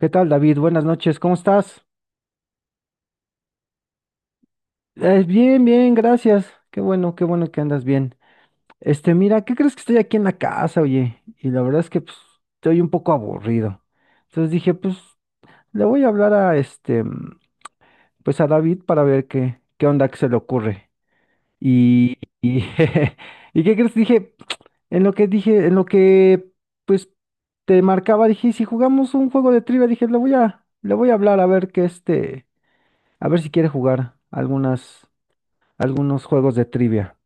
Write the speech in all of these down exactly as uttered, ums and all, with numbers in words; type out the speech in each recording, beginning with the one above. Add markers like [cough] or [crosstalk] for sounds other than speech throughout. ¿Qué tal, David? Buenas noches, ¿cómo estás? Eh, bien, bien, gracias. Qué bueno, qué bueno que andas bien. Este, mira, ¿qué crees? Que estoy aquí en la casa, oye. Y la verdad es que pues, estoy un poco aburrido. Entonces dije, pues, le voy a hablar a este, mm, pues a David, para ver qué, qué onda, que se le ocurre. Y, y, [laughs] ¿Y qué crees? Dije, en lo que dije, en lo que, pues, te marcaba, dije, "¿Y si jugamos un juego de trivia?". Dije, le voy a, le voy a hablar a ver qué este, a ver si quiere jugar algunas. Algunos juegos de trivia.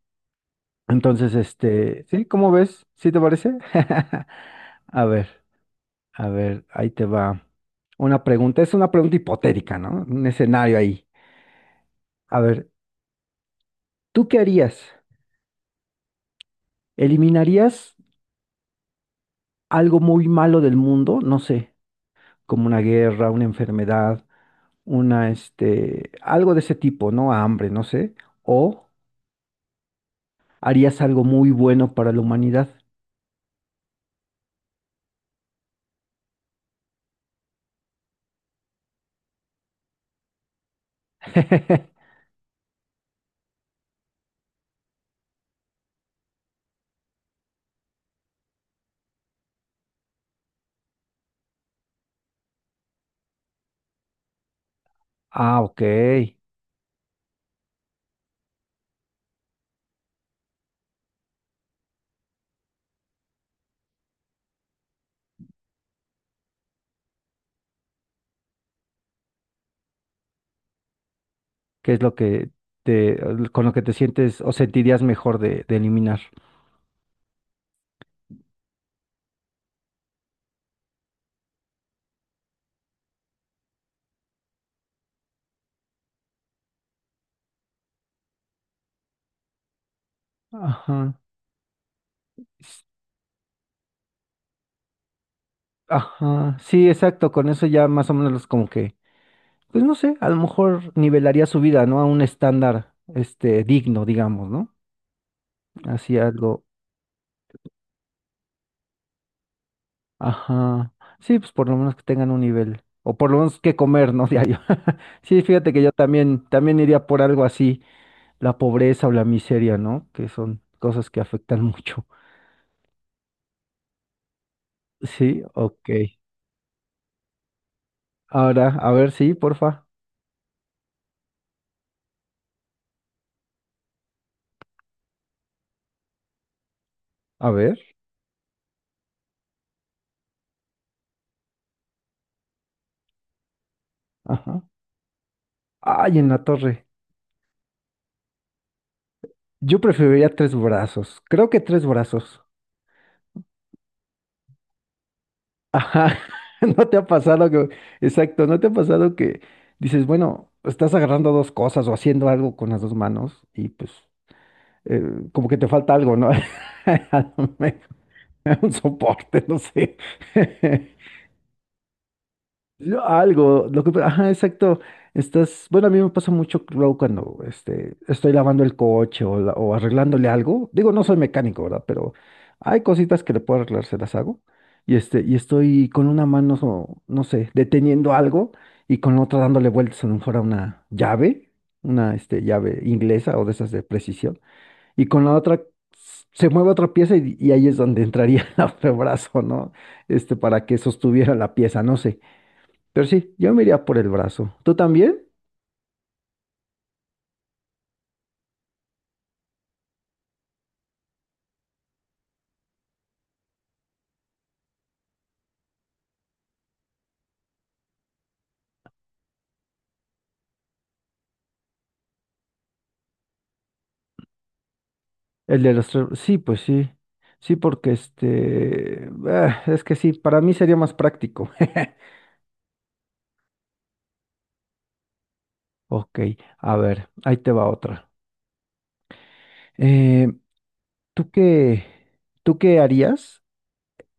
Entonces, este, ¿sí? ¿Cómo ves? ¿Sí te parece? [laughs] A ver, a ver, ahí te va una pregunta. Es una pregunta hipotética, ¿no? Un escenario ahí. A ver, ¿tú qué harías? ¿Eliminarías algo muy malo del mundo? No sé, como una guerra, una enfermedad, una, este, algo de ese tipo, ¿no? Hambre, no sé. ¿O harías algo muy bueno para la humanidad? [laughs] Ah, ok. ¿Qué es lo que te, con lo que te sientes o sentirías mejor de, de eliminar? Ajá. s- Ajá. Sí, exacto. Con eso ya más o menos como que, pues no sé, a lo mejor nivelaría su vida, ¿no? A un estándar, este, digno, digamos, ¿no? Así algo. Ajá. Sí, pues por lo menos que tengan un nivel. O por lo menos que comer, ¿no? [laughs] Diario. [laughs] Sí, fíjate que yo también, también iría por algo así, la pobreza o la miseria, ¿no? Que son cosas que afectan [laughs] mucho. Sí, ok. Ahora, a ver, sí, porfa. A ver. Ajá. Ay, en la torre. Yo preferiría tres brazos. Creo que tres brazos. Ajá. [laughs] ¿No te ha pasado que... Exacto, ¿no te ha pasado que dices, bueno, estás agarrando dos cosas o haciendo algo con las dos manos y pues eh, como que te falta algo, ¿no? [laughs] A lo mejor, [laughs] un soporte, no sé. [laughs] Yo algo, lo que, ajá, exacto. Estás, bueno, a mí me pasa mucho luego cuando este, estoy lavando el coche, o, la- o arreglándole algo. Digo, no soy mecánico, ¿verdad? Pero hay cositas que le puedo arreglar, se las hago. Y este, y estoy con una mano, so- no sé, deteniendo algo y con la otra dándole vueltas a lo mejor a una llave, una este, llave inglesa o de esas de precisión. Y con la otra s- se mueve otra pieza y, y ahí es donde entraría [laughs] el brazo, ¿no? Este, para que sostuviera la pieza, no sé. Pero sí, yo me iría por el brazo. ¿Tú también? El de los tres. Sí, pues sí. Sí, porque este. ah, es que sí, para mí sería más práctico. [laughs] Ok, a ver, ahí te va otra. Eh, ¿tú qué, tú qué harías,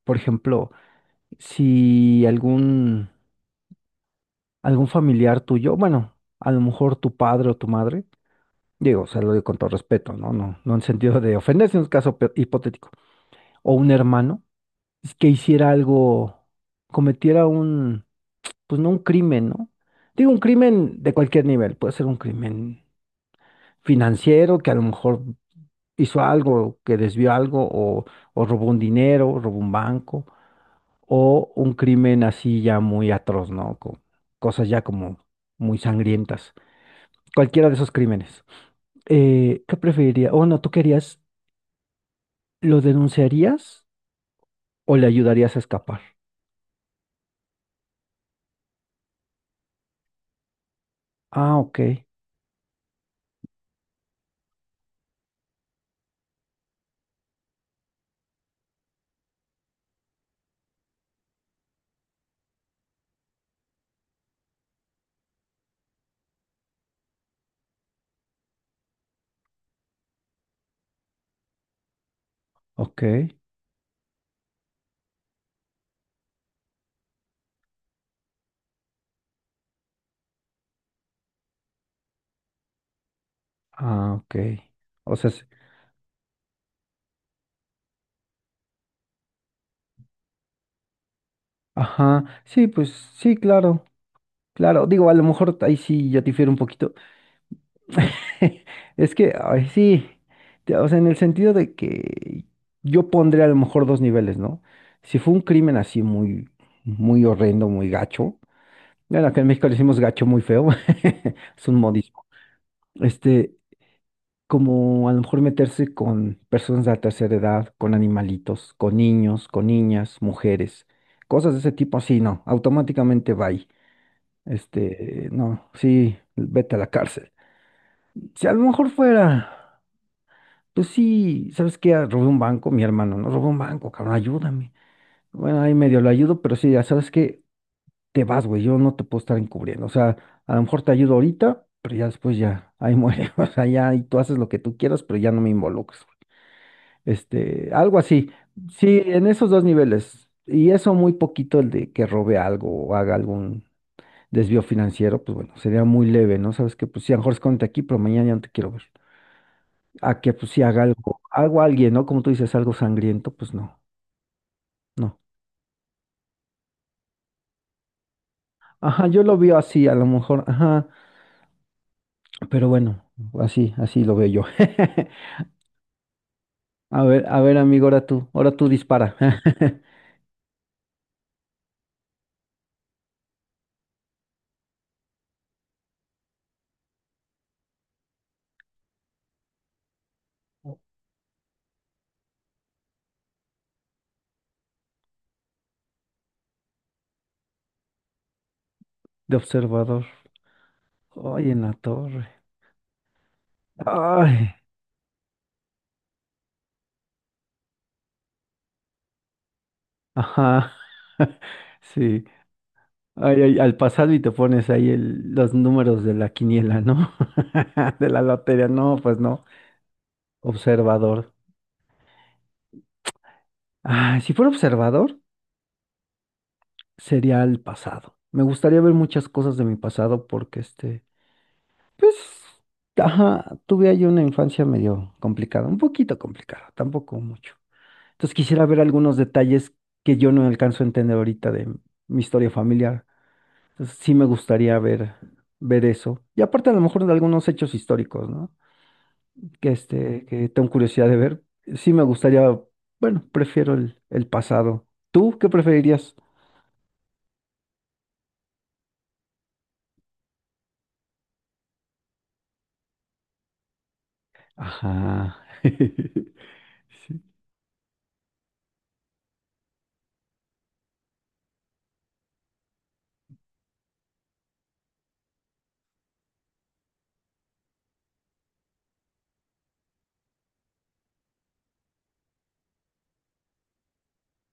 por ejemplo, si algún, algún familiar tuyo, bueno, a lo mejor tu padre o tu madre, digo, o sea, lo digo con todo respeto, ¿no? No, no en sentido de ofender, sino en un caso pe- hipotético, o un hermano que hiciera algo, cometiera un, pues no un crimen, ¿no? Digo, un crimen de cualquier nivel, puede ser un crimen financiero, que a lo mejor hizo algo, que desvió algo, o, o robó un dinero, robó un banco, o un crimen así ya muy atroz, ¿no? Con cosas ya como muy sangrientas. Cualquiera de esos crímenes. Eh, ¿qué preferiría? O no, ¿tú querías, lo denunciarías o le ayudarías a escapar? Ah, ok, ok. Ah, ok. O sea, s- ajá, sí, pues sí, claro, claro. Digo, a lo mejor ahí sí yo difiero un poquito. [laughs] Es que, ay, sí, te- o sea, en el sentido de que yo pondría a lo mejor dos niveles, ¿no? Si fue un crimen así muy, muy horrendo, muy gacho. Bueno, acá en México le decimos gacho muy feo, [laughs] es un modismo. Este, como a lo mejor meterse con personas de la tercera edad, con animalitos, con niños, con niñas, mujeres, cosas de ese tipo, así no, automáticamente va ahí. Este, no, sí, vete a la cárcel. Si a lo mejor fuera, pues sí, ¿sabes qué? Ah, robé un banco, mi hermano, no robé un banco, cabrón, ayúdame. Bueno, ahí medio lo ayudo, pero sí, ya sabes que te vas, güey, yo no te puedo estar encubriendo. O sea, a lo mejor te ayudo ahorita, pero ya después ya, ahí muere. [laughs] O sea, ya, y tú haces lo que tú quieras, pero ya no me involucres. Este, algo así. Sí, en esos dos niveles. Y eso muy poquito el de que robe algo o haga algún desvío financiero, pues bueno, sería muy leve, ¿no? Sabes que pues sí, a lo mejor escóndete aquí, pero mañana ya no te quiero ver. A que pues sí haga algo, algo a alguien, ¿no? Como tú dices, algo sangriento, pues no, no. Ajá, yo lo veo así, a lo mejor, ajá, pero bueno, así, así lo veo yo. [laughs] A ver, a ver, amigo, ahora tú, ahora tú dispara. [laughs] De observador. Ay, en la torre. Ay. Ajá, [laughs] sí. Ay, ay, al pasado y te pones ahí el- los números de la quiniela, ¿no? [laughs] De la lotería, no, pues no. Observador. Ah, si fuera observador, sería el pasado. Me gustaría ver muchas cosas de mi pasado porque este, pues, ajá, tuve ahí una infancia medio complicada, un poquito complicada, tampoco mucho. Entonces quisiera ver algunos detalles que yo no alcanzo a entender ahorita de mi historia familiar. Entonces, sí me gustaría ver, ver eso. Y aparte a lo mejor de algunos hechos históricos, ¿no? Que, este, que tengo curiosidad de ver. Sí me gustaría, bueno, prefiero el, el pasado. ¿Tú qué preferirías? Ajá. [laughs] Sí.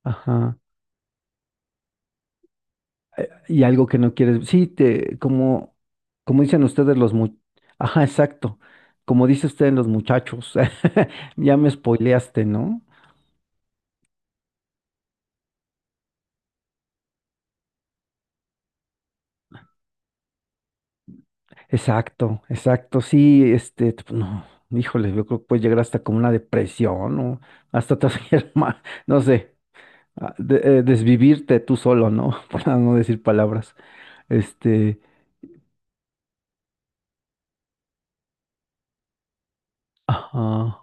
Ajá. Y algo que no quieres. Sí, te, como, como dicen ustedes los mu... Ajá, exacto. Como dice usted en los muchachos. [laughs] Ya me spoileaste, ¿no? Exacto, exacto, sí, este, t- no, híjole, yo creo que puede llegar hasta como una depresión o hasta te hacer [laughs] ma- no sé, a- de- eh, desvivirte tú solo, ¿no? [laughs] Para no decir palabras. Este, ajá,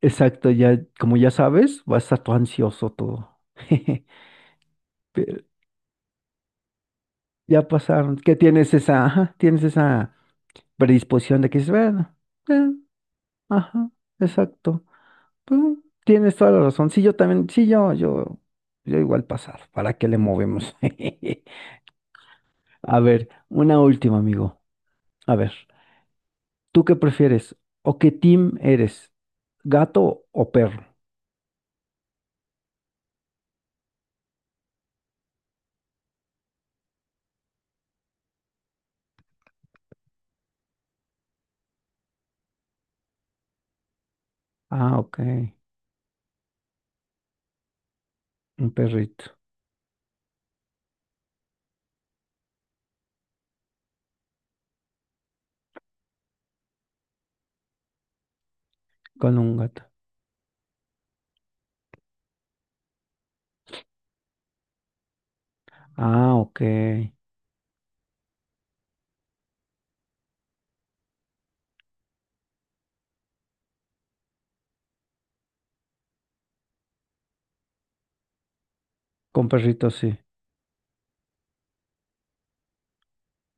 exacto, ya, como ya sabes, vas a estar todo ansioso todo. [laughs] Pero ya pasaron, que tienes esa, ajá, tienes esa predisposición de que es bueno, eh, ajá, exacto. Mm, tienes toda la razón. Sí, yo también, sí, yo, yo, yo igual pasar. ¿Para qué le movemos? [laughs] A ver, una última, amigo. A ver, ¿tú qué prefieres? ¿O qué team eres? ¿Gato o perro? Ah, ok. Un perrito con un gato. Ah, ok. Con perritos, sí.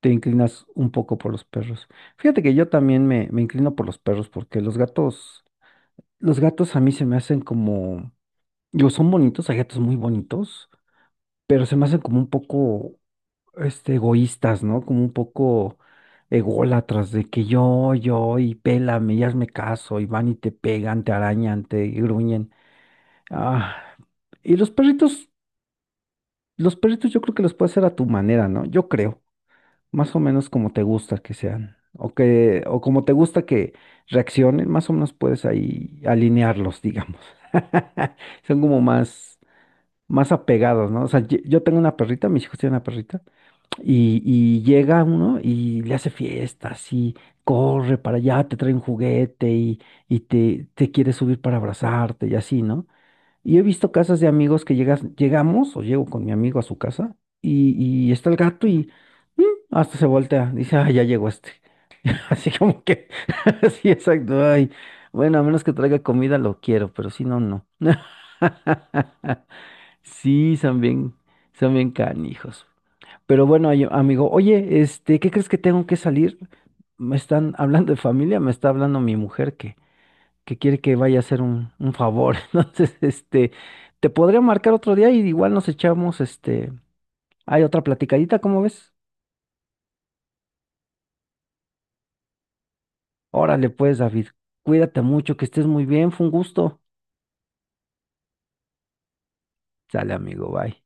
Te inclinas un poco por los perros. Fíjate que yo también me, me inclino por los perros porque los gatos, los gatos a mí se me hacen como, digo, son bonitos, hay gatos muy bonitos pero se me hacen como un poco este, egoístas, ¿no? Como un poco ególatras de que yo, yo, y pélame, y hazme caso, y van y te pegan, te arañan, te gruñen. Ah, y los perritos, los perritos yo creo que los puedes hacer a tu manera, ¿no? Yo creo, más o menos como te gusta que sean, o que, o como te gusta que reaccionen, más o menos puedes ahí alinearlos, digamos. [laughs] Son como más, más apegados, ¿no? O sea, ye- yo tengo una perrita, mis hijos tienen una perrita. Y, y llega uno y le hace fiestas y corre para allá, te trae un juguete y, y te, te quiere subir para abrazarte y así, ¿no? Y he visto casas de amigos que llegas, llegamos o llego con mi amigo a su casa y, y está el gato y mm, hasta se voltea, dice, ah, ya llegó este. [laughs] Así como que, [laughs] sí, exacto, ay, bueno, a menos que traiga comida lo quiero, pero si no, no. [laughs] Sí, son bien, son bien canijos. Pero bueno, ay- amigo, oye, este, ¿qué crees? Que tengo que salir. Me están hablando de familia, me está hablando mi mujer que, que quiere que vaya a hacer un, un favor. [laughs] Entonces, este, te podría marcar otro día y igual nos echamos, este, hay otra platicadita, ¿cómo ves? Órale, pues, David, cuídate mucho, que estés muy bien, fue un gusto. Sale, amigo, bye.